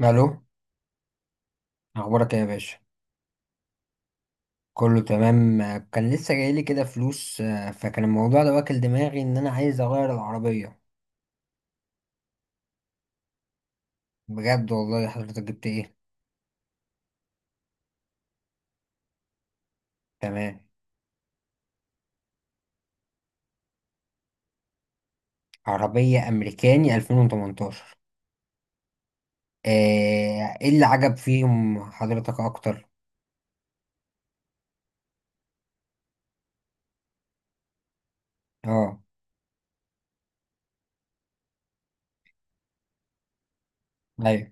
الو، اخبارك ايه يا باشا؟ كله تمام. كان لسه جايلي كده فلوس. فكان الموضوع ده واكل دماغي ان انا عايز اغير العربيه. بجد؟ والله حضرتك جبت ايه؟ تمام. عربيه امريكاني 2018؟ ايه اللي عجب فيهم حضرتك اكتر؟ اه. ايوه.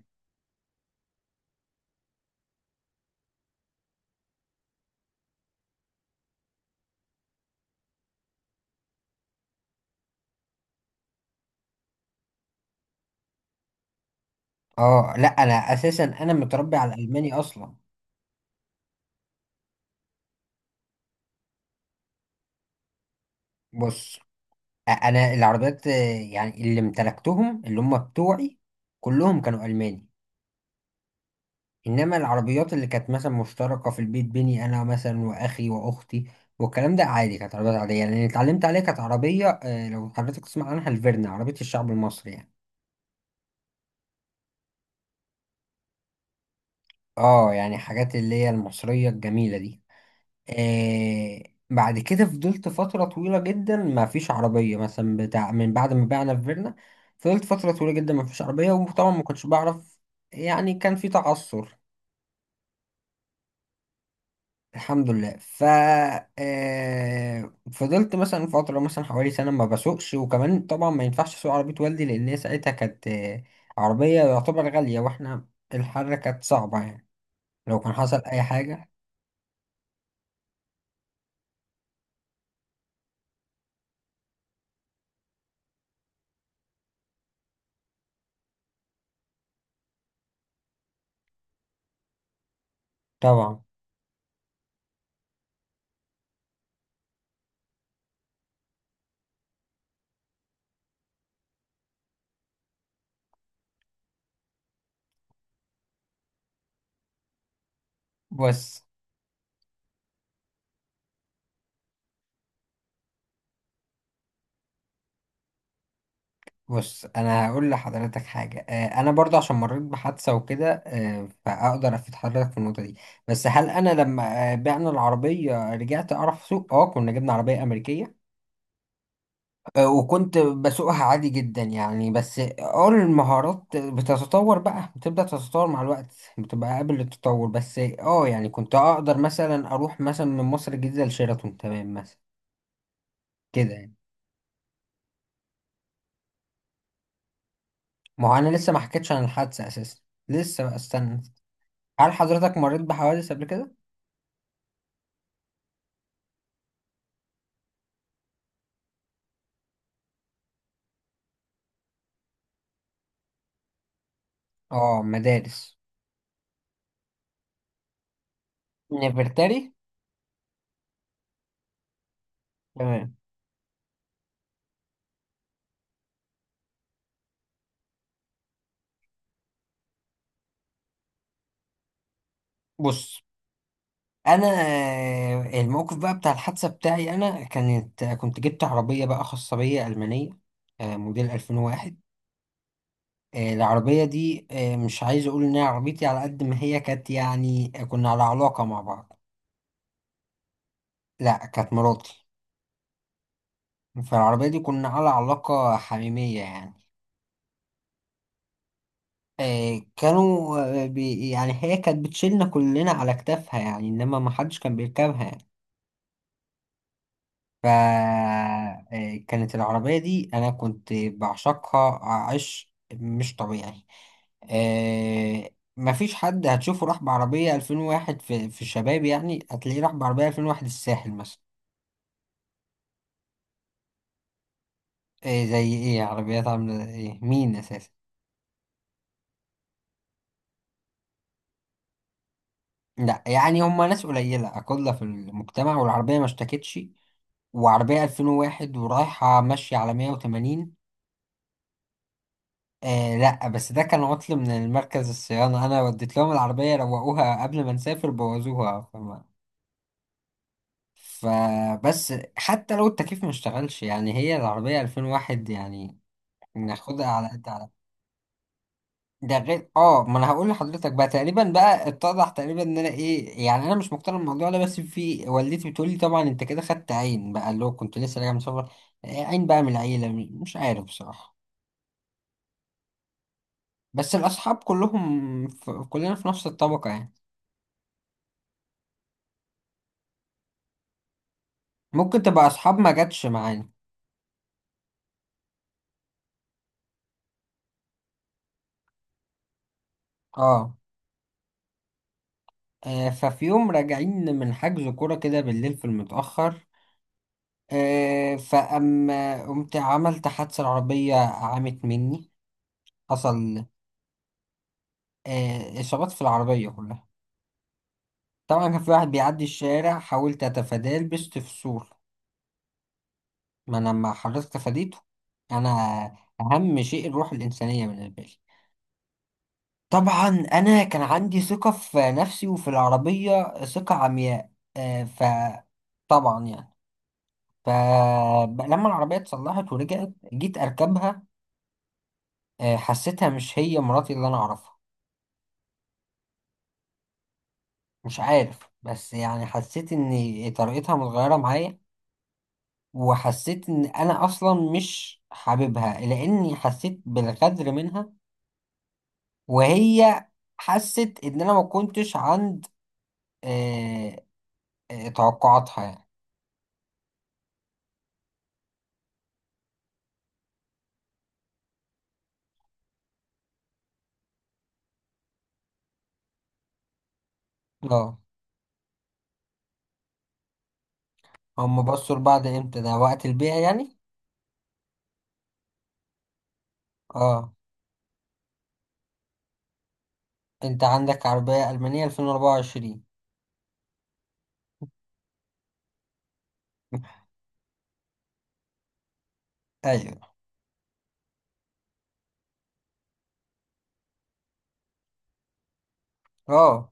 اه، لا انا اساسا انا متربي على الالماني اصلا. بص. انا العربيات، يعني اللي امتلكتهم اللي هم بتوعي كلهم كانوا الماني. انما العربيات اللي كانت مثلا مشتركه في البيت بيني انا مثلا واخي واختي والكلام ده عادي، كانت عربيات عاديه يعني. اللي اتعلمت عليها كانت عربيه، لو حضرتك تسمع عنها الفيرنا، عربيه الشعب المصري يعني. اه، يعني حاجات اللي هي المصريه الجميله دي. آه بعد كده فضلت فتره طويله جدا ما فيش عربيه مثلا بتاع، من بعد ما بعنا الفيرنا فضلت فتره طويله جدا ما فيش عربيه، وطبعا ما كنتش بعرف. يعني كان في تعثر. الحمد لله. ف آه، فضلت مثلا فترة مثلا حوالي سنة ما بسوقش، وكمان طبعا ما ينفعش اسوق عربية والدي لأن هي ساعتها كانت، عربية يعتبر غالية، واحنا الحرة كانت صعبة يعني لو كان حصل أي حاجة طبعا. بص بص. أنا هقول لحضرتك حاجة. أنا برضه عشان مريت بحادثة وكده، فأقدر أفيد حضرتك في النقطة دي. بس هل أنا لما بعنا العربية رجعت أعرف أسوق؟ أه، كنا جبنا عربية أمريكية. وكنت بسوقها عادي جدا يعني، بس المهارات بتتطور بقى، بتبدأ تتطور مع الوقت. بتبقى قابل للتطور، بس يعني كنت اقدر مثلا اروح مثلا من مصر الجديدة لشيراتون تمام مثلا، كده يعني. ما هو انا لسه ما حكيتش عن الحادثة اساسا. لسه بقى، استنى. هل حضرتك مريت بحوادث قبل كده؟ اه، مدارس. نفرتاري. تمام. بص، انا الموقف بقى بتاع الحادثه بتاعي انا كنت جبت عربيه بقى خاصه بيا المانيه. موديل 2001. العربيه دي مش عايز اقول ان هي عربيتي، على قد ما هي كانت يعني كنا على علاقه مع بعض. لا، كانت مراتي. فالعربيه دي كنا على علاقه حميميه يعني. كانوا، آه، بي يعني هي كانت بتشيلنا كلنا على كتافها يعني، انما ما حدش كان بيركبها يعني. فكانت العربية دي أنا كنت بعشقها عشق مش طبيعي. آه، مفيش حد هتشوفه راح بعربية 2001 في الشباب، يعني هتلاقيه راح بعربية 2001 الساحل مثلا. إيه؟ زي إيه؟ عربيات عاملة زي إيه؟ مين أساسا؟ لا، يعني هما ناس قليلة أقل في المجتمع، والعربية ما اشتكتش. وعربية 2001 ورايحة ماشية على 180. لا، بس ده كان عطل من المركز الصيانة. أنا وديت لهم العربية روقوها، قبل ما نسافر بوظوها فما. فبس حتى لو التكييف ما اشتغلش يعني، هي العربية 2001 يعني ناخدها على قد على. ده غير ما انا هقول لحضرتك بقى. تقريبا بقى اتضح تقريبا ان انا ايه، يعني انا مش مقتنع بالموضوع ده، بس في والدتي بتقول لي طبعا انت كده خدت عين بقى، اللي هو كنت لسه راجع من سفر. عين بقى من العيلة، مش عارف بصراحة. بس الاصحاب كلهم كلنا في نفس الطبقة يعني. ممكن تبقى اصحاب ما جاتش معانا. اه. ففي يوم راجعين من حجز كوره كده بالليل في المتاخر، فاما قمت عملت حادثه، العربيه عمت مني. حصل. اصابات في العربيه كلها. طبعا كان في واحد بيعدي الشارع، حاولت اتفاداه لبست في سور. ما انا لما حضرتك تفاديته انا، اهم شيء الروح الانسانيه بالنسبه لي. طبعا انا كان عندي ثقه في نفسي وفي العربيه، ثقه عمياء. آه ف طبعا يعني. فلما العربية اتصلحت ورجعت جيت أركبها، حسيتها مش هي مراتي اللي أنا أعرفها. مش عارف، بس يعني حسيت إن طريقتها متغيرة معايا. وحسيت إن أنا أصلا مش حاببها لأني حسيت بالغدر منها. وهي حست إن أنا ما كنتش عند آه، توقعاتها يعني. اه، هم بصوا لبعض امتى؟ ده وقت البيع يعني. اه، انت عندك عربية ألمانية 2024؟ ايوه. اه.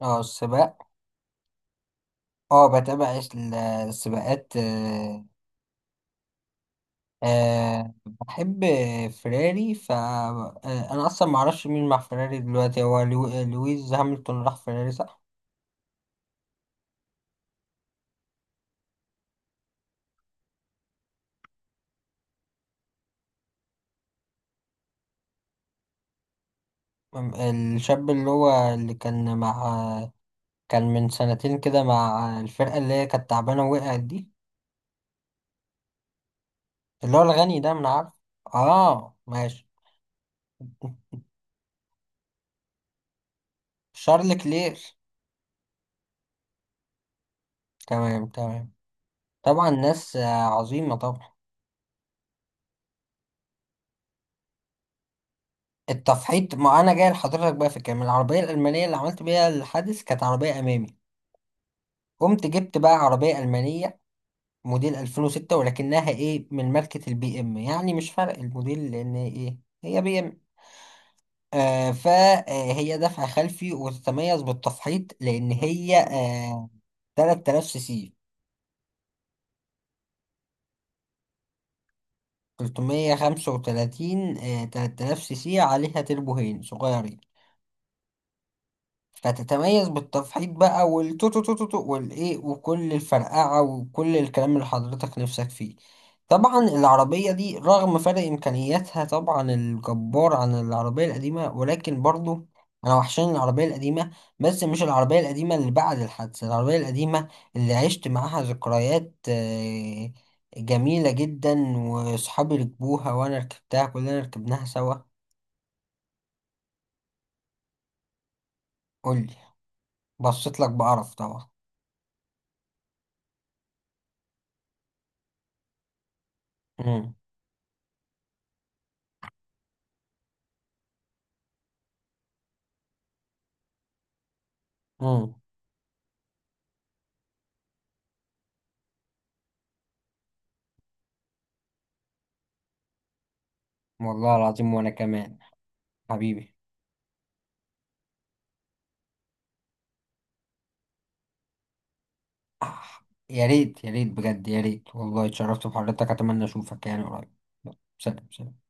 اه، السباق. اه، بتابع السباقات. بحب فيراري. ف آه، انا اصلا ما اعرفش مين مع فيراري دلوقتي. هو لويس هاملتون راح فيراري صح؟ أم- الشاب اللي هو اللي كان مع، كان من سنتين كده مع الفرقة اللي هي كانت تعبانة ووقعت دي. اللي هو الغني ده، من عارف. اه، ماشي. شارل كلير. تمام، تمام. طبعا ناس عظيمة طبعا. التفحيط، ما انا جاي لحضرتك بقى في الكلام. العربيه الالمانيه اللي عملت بيها الحادث كانت عربيه امامي. قمت جبت بقى عربيه المانيه موديل 2006، ولكنها ايه من ماركه البي ام، يعني مش فارق الموديل لان ايه، هي بي ام. فهي دفع خلفي وتتميز بالتفحيط لان هي 3000 سي سي. 335، 3000 سي سي عليها تربو هين صغيرين. فتتميز بالتفحيط بقى والتوتوتوتو والايه وكل الفرقعة وكل الكلام اللي حضرتك نفسك فيه. طبعا العربية دي رغم فرق إمكانياتها طبعا الجبار عن العربية القديمة، ولكن برضو أنا وحشاني العربية القديمة. بس مش العربية القديمة اللي بعد الحادثة، العربية القديمة اللي عشت معاها ذكريات جميلة جدا، وصحابي ركبوها وأنا ركبتها كلنا ركبناها سوا. قولي. بصيت لك بقرف طبعا. مم. مم. والله العظيم وانا كمان. حبيبي. آه، يا ريت يا ريت بجد يا ريت، والله اتشرفت بحضرتك، اتمنى اشوفك يعني قريب. يلا، سلام سلام.